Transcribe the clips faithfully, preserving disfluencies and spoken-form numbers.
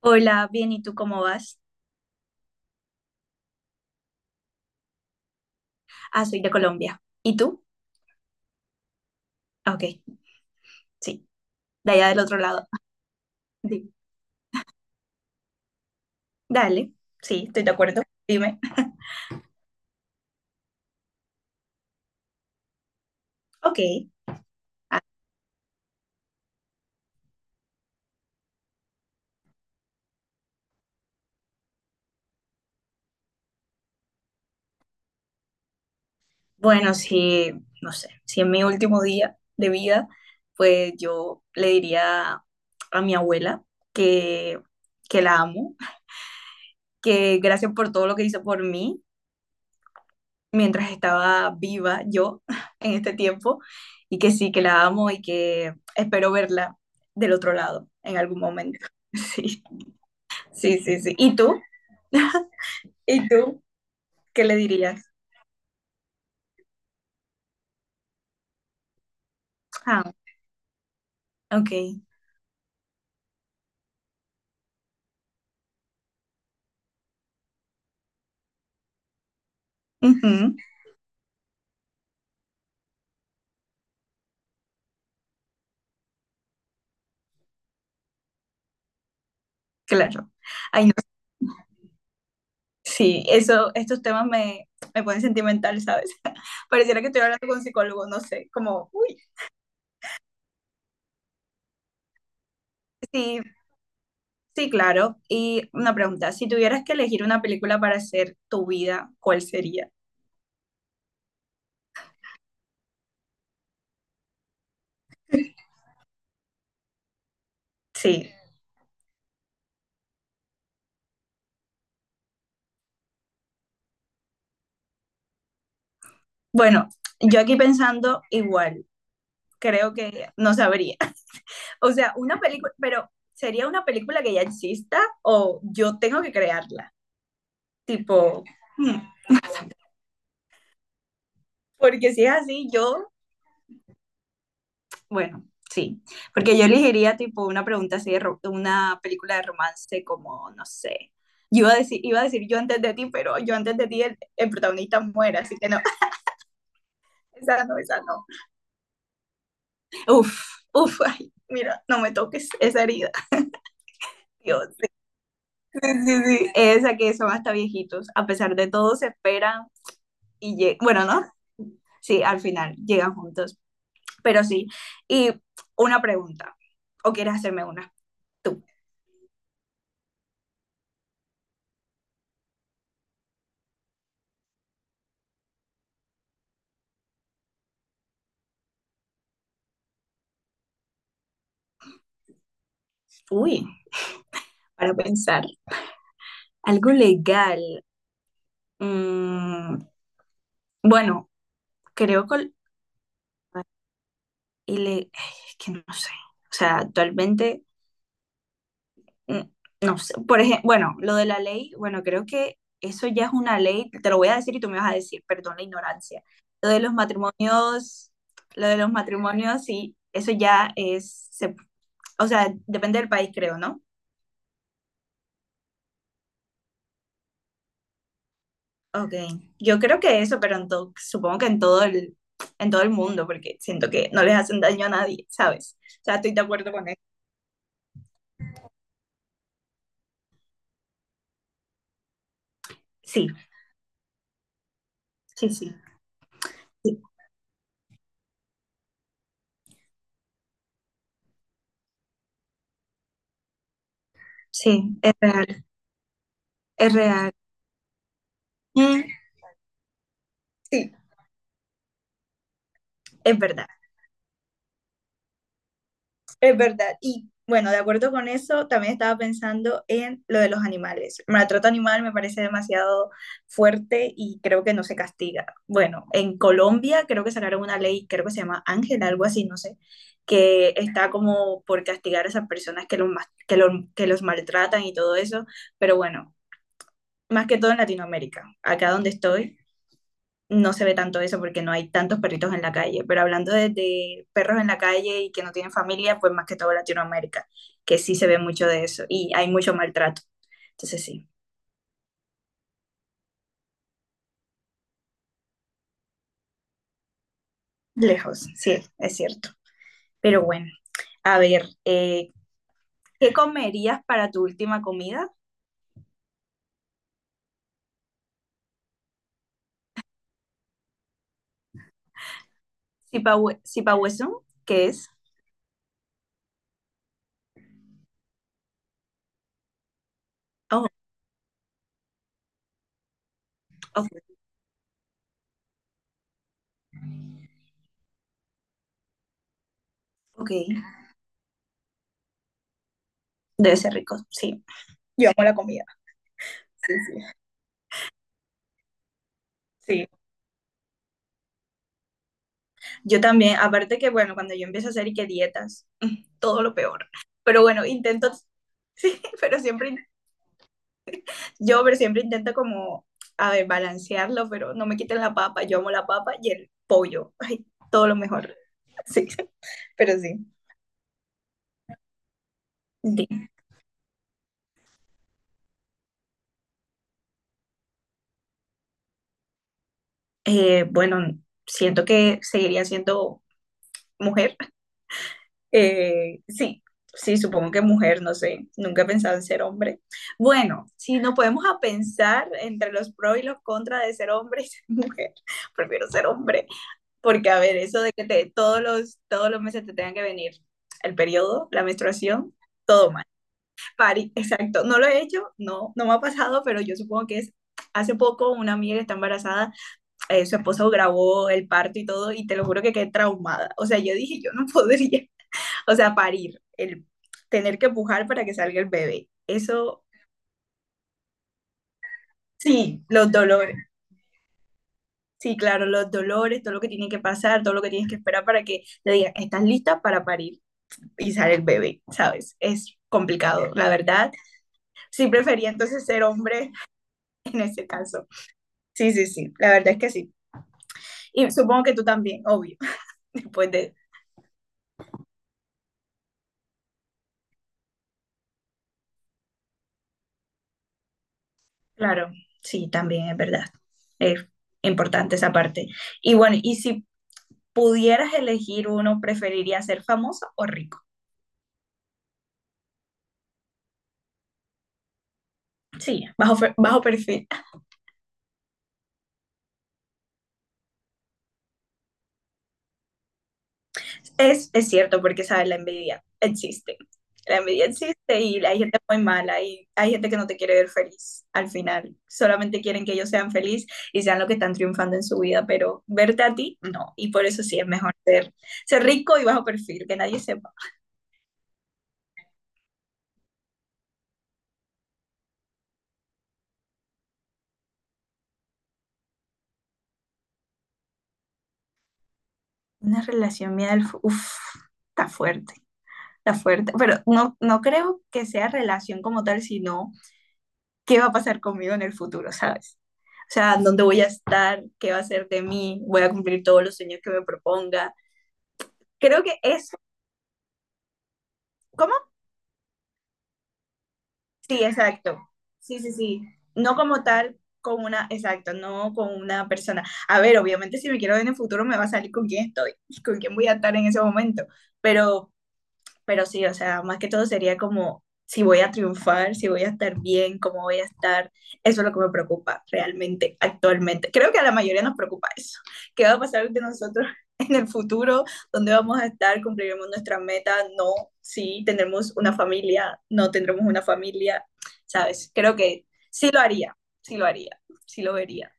Hola, bien, ¿y tú cómo vas? Ah, soy de Colombia. ¿Y tú? Ah, Ok, sí, de allá del otro lado. Di- Dale, sí, estoy de acuerdo. Dime. Ok. Ah, bueno, si, no sé, si en mi último día de vida, pues yo le diría a mi abuela que, que la amo, que gracias por todo lo que hizo por mí mientras estaba viva yo en este tiempo y que sí, que la amo y que espero verla del otro lado en algún momento. Sí, sí, sí, sí. ¿Y tú? ¿Y tú qué le dirías? Ah, ok. Ujú, claro. Ay, no, sí, eso, estos temas me, me ponen sentimental, ¿sabes? Pareciera que estoy hablando con un psicólogo, no sé, como, uy, sí, sí, claro. Y una pregunta, si tuvieras que elegir una película para hacer tu vida, ¿cuál sería? Sí, bueno, yo aquí pensando igual, creo que no sabría. O sea, una película, pero ¿sería una película que ya exista o yo tengo que crearla? Tipo, hmm, porque si es así, yo, bueno, sí, porque yo elegiría tipo una pregunta así de ro- una película de romance como, no sé. Yo iba a decir, iba a decir yo antes de ti, pero yo antes de ti el, el protagonista muere, así que no, esa no, esa no. Uf, uf, ay, mira, no me toques esa herida, Dios. Sí, sí, sí. Esa que son hasta viejitos. A pesar de todo, se esperan y lle- bueno, ¿no? Sí, al final llegan juntos. Pero sí. Y una pregunta. ¿O quieres hacerme una? Tú. Uy, para pensar. Algo legal. Mm, bueno, creo que... Y le... Es que no sé. O sea, actualmente... mm, no sé, por ejemplo, bueno, lo de la ley, bueno, creo que eso ya es una ley, te lo voy a decir y tú me vas a decir, perdón la ignorancia. Lo de los matrimonios, lo de los matrimonios, sí, eso ya es, se- o sea, depende del país, creo, ¿no? Ok, yo creo que eso, pero en to- supongo que en todo el, en todo el mundo, porque siento que no les hacen daño a nadie, ¿sabes? O sea, estoy de acuerdo con eso. Sí, sí, sí, sí, sí, es real, es real. Mm, sí, es verdad. Es verdad. Y bueno, de acuerdo con eso, también estaba pensando en lo de los animales. El maltrato animal me parece demasiado fuerte y creo que no se castiga. Bueno, en Colombia creo que sacaron una ley, creo que se llama Ángel, algo así, no sé, que está como por castigar a esas personas que, los mas- que, lo- que los maltratan y todo eso. Pero bueno, más que todo en Latinoamérica. Acá donde estoy, no se ve tanto eso porque no hay tantos perritos en la calle, pero hablando de, de perros en la calle y que no tienen familia, pues más que todo Latinoamérica, que sí se ve mucho de eso y hay mucho maltrato. Entonces sí, lejos, sí, es cierto. Pero bueno, a ver, eh, ¿qué comerías para tu última comida? Sipawe- Sipahuesun, ¿qué es? Oh, ok, ok, debe ser rico, sí. Yo amo la comida, sí, sí. Sí, yo también, aparte que, bueno, cuando yo empiezo a hacer y que dietas, todo lo peor. Pero bueno, intento, sí, pero siempre, in- yo pero siempre intento como, a ver, balancearlo, pero no me quiten la papa, yo amo la papa y el pollo, ay, todo lo mejor, sí, pero sí. Sí. Eh, bueno, siento que seguiría siendo mujer. Eh, sí, sí, supongo que mujer, no sé, nunca he pensado en ser hombre. Bueno, si nos podemos a pensar entre los pros y los contras de ser hombre y ser mujer, prefiero ser hombre, porque a ver, eso de que te, todos los, todos los meses te tengan que venir el periodo, la menstruación, todo mal. Pari, exacto, no lo he hecho, no, no me ha pasado, pero yo supongo que es. Hace poco una amiga que está embarazada, eh, su esposo grabó el parto y todo, y te lo juro que quedé traumada. O sea, yo dije, yo no podría, o sea, parir, el tener que pujar para que salga el bebé. Eso, sí, los dolores. Sí, claro, los dolores, todo lo que tiene que pasar, todo lo que tienes que esperar para que te digan, estás lista para parir y sale el bebé, ¿sabes? Es complicado, la verdad. Sí prefería entonces ser hombre en ese caso. Sí, sí, sí, la verdad es que sí. Y supongo que tú también, obvio, después de... Claro, sí, también es verdad. Es importante esa parte. Y bueno, y si pudieras elegir uno, ¿preferirías ser famosa o rico? Sí, bajo, bajo perfil. Es, es cierto, porque, ¿sabes? La envidia existe. La envidia existe y hay gente muy mala y hay gente que no te quiere ver feliz al final. Solamente quieren que ellos sean felices y sean lo que están triunfando en su vida, pero verte a ti, no. Y por eso sí es mejor ser, ser rico y bajo perfil, que nadie sepa. Una relación mía del... fu- Uf, está fuerte, está fuerte. Pero no, no creo que sea relación como tal, sino qué va a pasar conmigo en el futuro, ¿sabes? O sea, dónde voy a estar, qué va a ser de mí, voy a cumplir todos los sueños que me proponga. Creo que eso, ¿cómo? Sí, exacto. Sí, sí, sí. No como tal con una, exacto, no con una persona. A ver, obviamente si me quiero ver en el futuro me va a salir con quién estoy, con quién voy a estar en ese momento, pero Pero sí, o sea, más que todo sería como si voy a triunfar, si voy a estar bien, cómo voy a estar. Eso es lo que me preocupa realmente actualmente. Creo que a la mayoría nos preocupa eso. ¿Qué va a pasar de nosotros en el futuro? ¿Dónde vamos a estar? ¿Cumpliremos nuestra meta? No, sí, tendremos una familia, no tendremos una familia, ¿sabes? Creo que sí lo haría, sí lo haría, sí lo vería.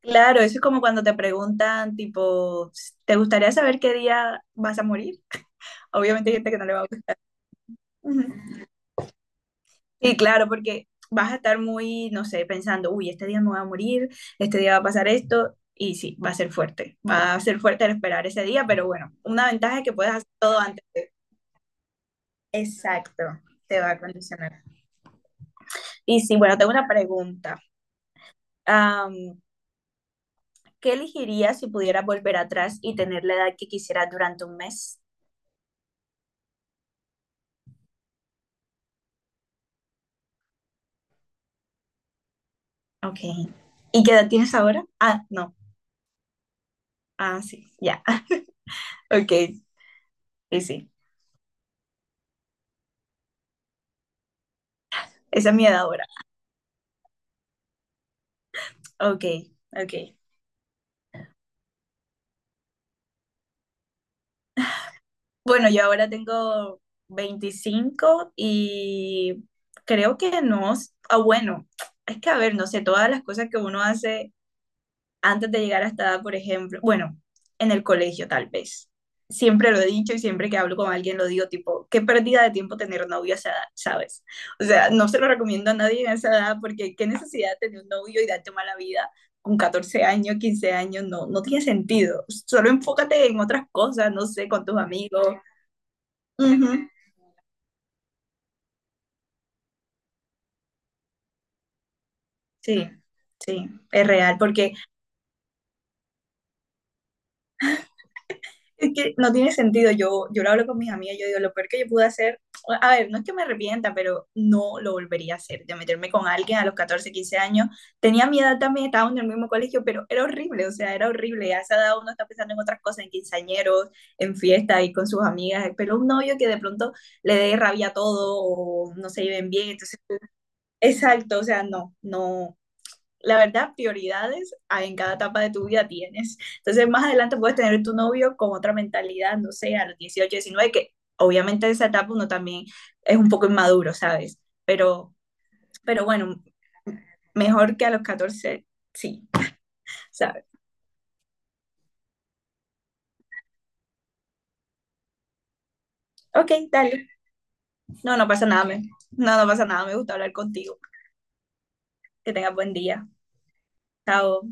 Claro, eso es como cuando te preguntan, tipo, ¿te gustaría saber qué día vas a morir? Obviamente hay gente que no le va a gustar. Sí, claro, porque vas a estar muy, no sé, pensando, uy, este día me voy a morir, este día va a pasar esto, y sí, va a ser fuerte, va a ser fuerte el esperar ese día, pero bueno, una ventaja es que puedes hacer todo antes de... Exacto, te va a condicionar. Y sí, bueno, tengo una pregunta. Am, ¿qué elegirías si pudieras volver atrás y tener la edad que quisieras durante un mes? Ok. ¿Y qué edad tienes ahora? Ah, no. Ah, sí, ya. Ok, y sí, esa es mi edad ahora. Ok, ok. Bueno, yo ahora tengo veinticinco y creo que no, s- ah, bueno, es que a ver, no sé, todas las cosas que uno hace antes de llegar a esta edad, por ejemplo, bueno, en el colegio tal vez. Siempre lo he dicho y siempre que hablo con alguien lo digo, tipo, qué pérdida de tiempo tener novio a esa edad, ¿sabes? O sea, no se lo recomiendo a nadie en esa edad porque qué necesidad de tener un novio y darte mala vida con catorce años, quince años, no, no tiene sentido. Solo enfócate en otras cosas, no sé, con tus amigos. Ujú. Sí, sí, es real, porque es que no tiene sentido. Yo, yo lo hablo con mis amigas, yo digo, lo peor que yo pude hacer, a ver, no es que me arrepienta, pero no lo volvería a hacer, de meterme con alguien a los catorce quince años. Tenía mi edad también, estaba en el mismo colegio, pero era horrible, o sea, era horrible. A esa edad uno está pensando en otras cosas, en quinceañeros, en fiestas y con sus amigas, pero un novio que de pronto le dé rabia a todo o no se lleven bien, entonces, exacto, o sea, no, no. La verdad, prioridades en cada etapa de tu vida tienes. Entonces, más adelante puedes tener tu novio con otra mentalidad, no sé, a los dieciocho diecinueve que obviamente en esa etapa uno también es un poco inmaduro, ¿sabes? Pero, pero bueno, mejor que a los catorce sí, ¿sabes? Ok, dale. No, no pasa nada, me- no, no pasa nada, me gusta hablar contigo. Que tengas buen día. Chao.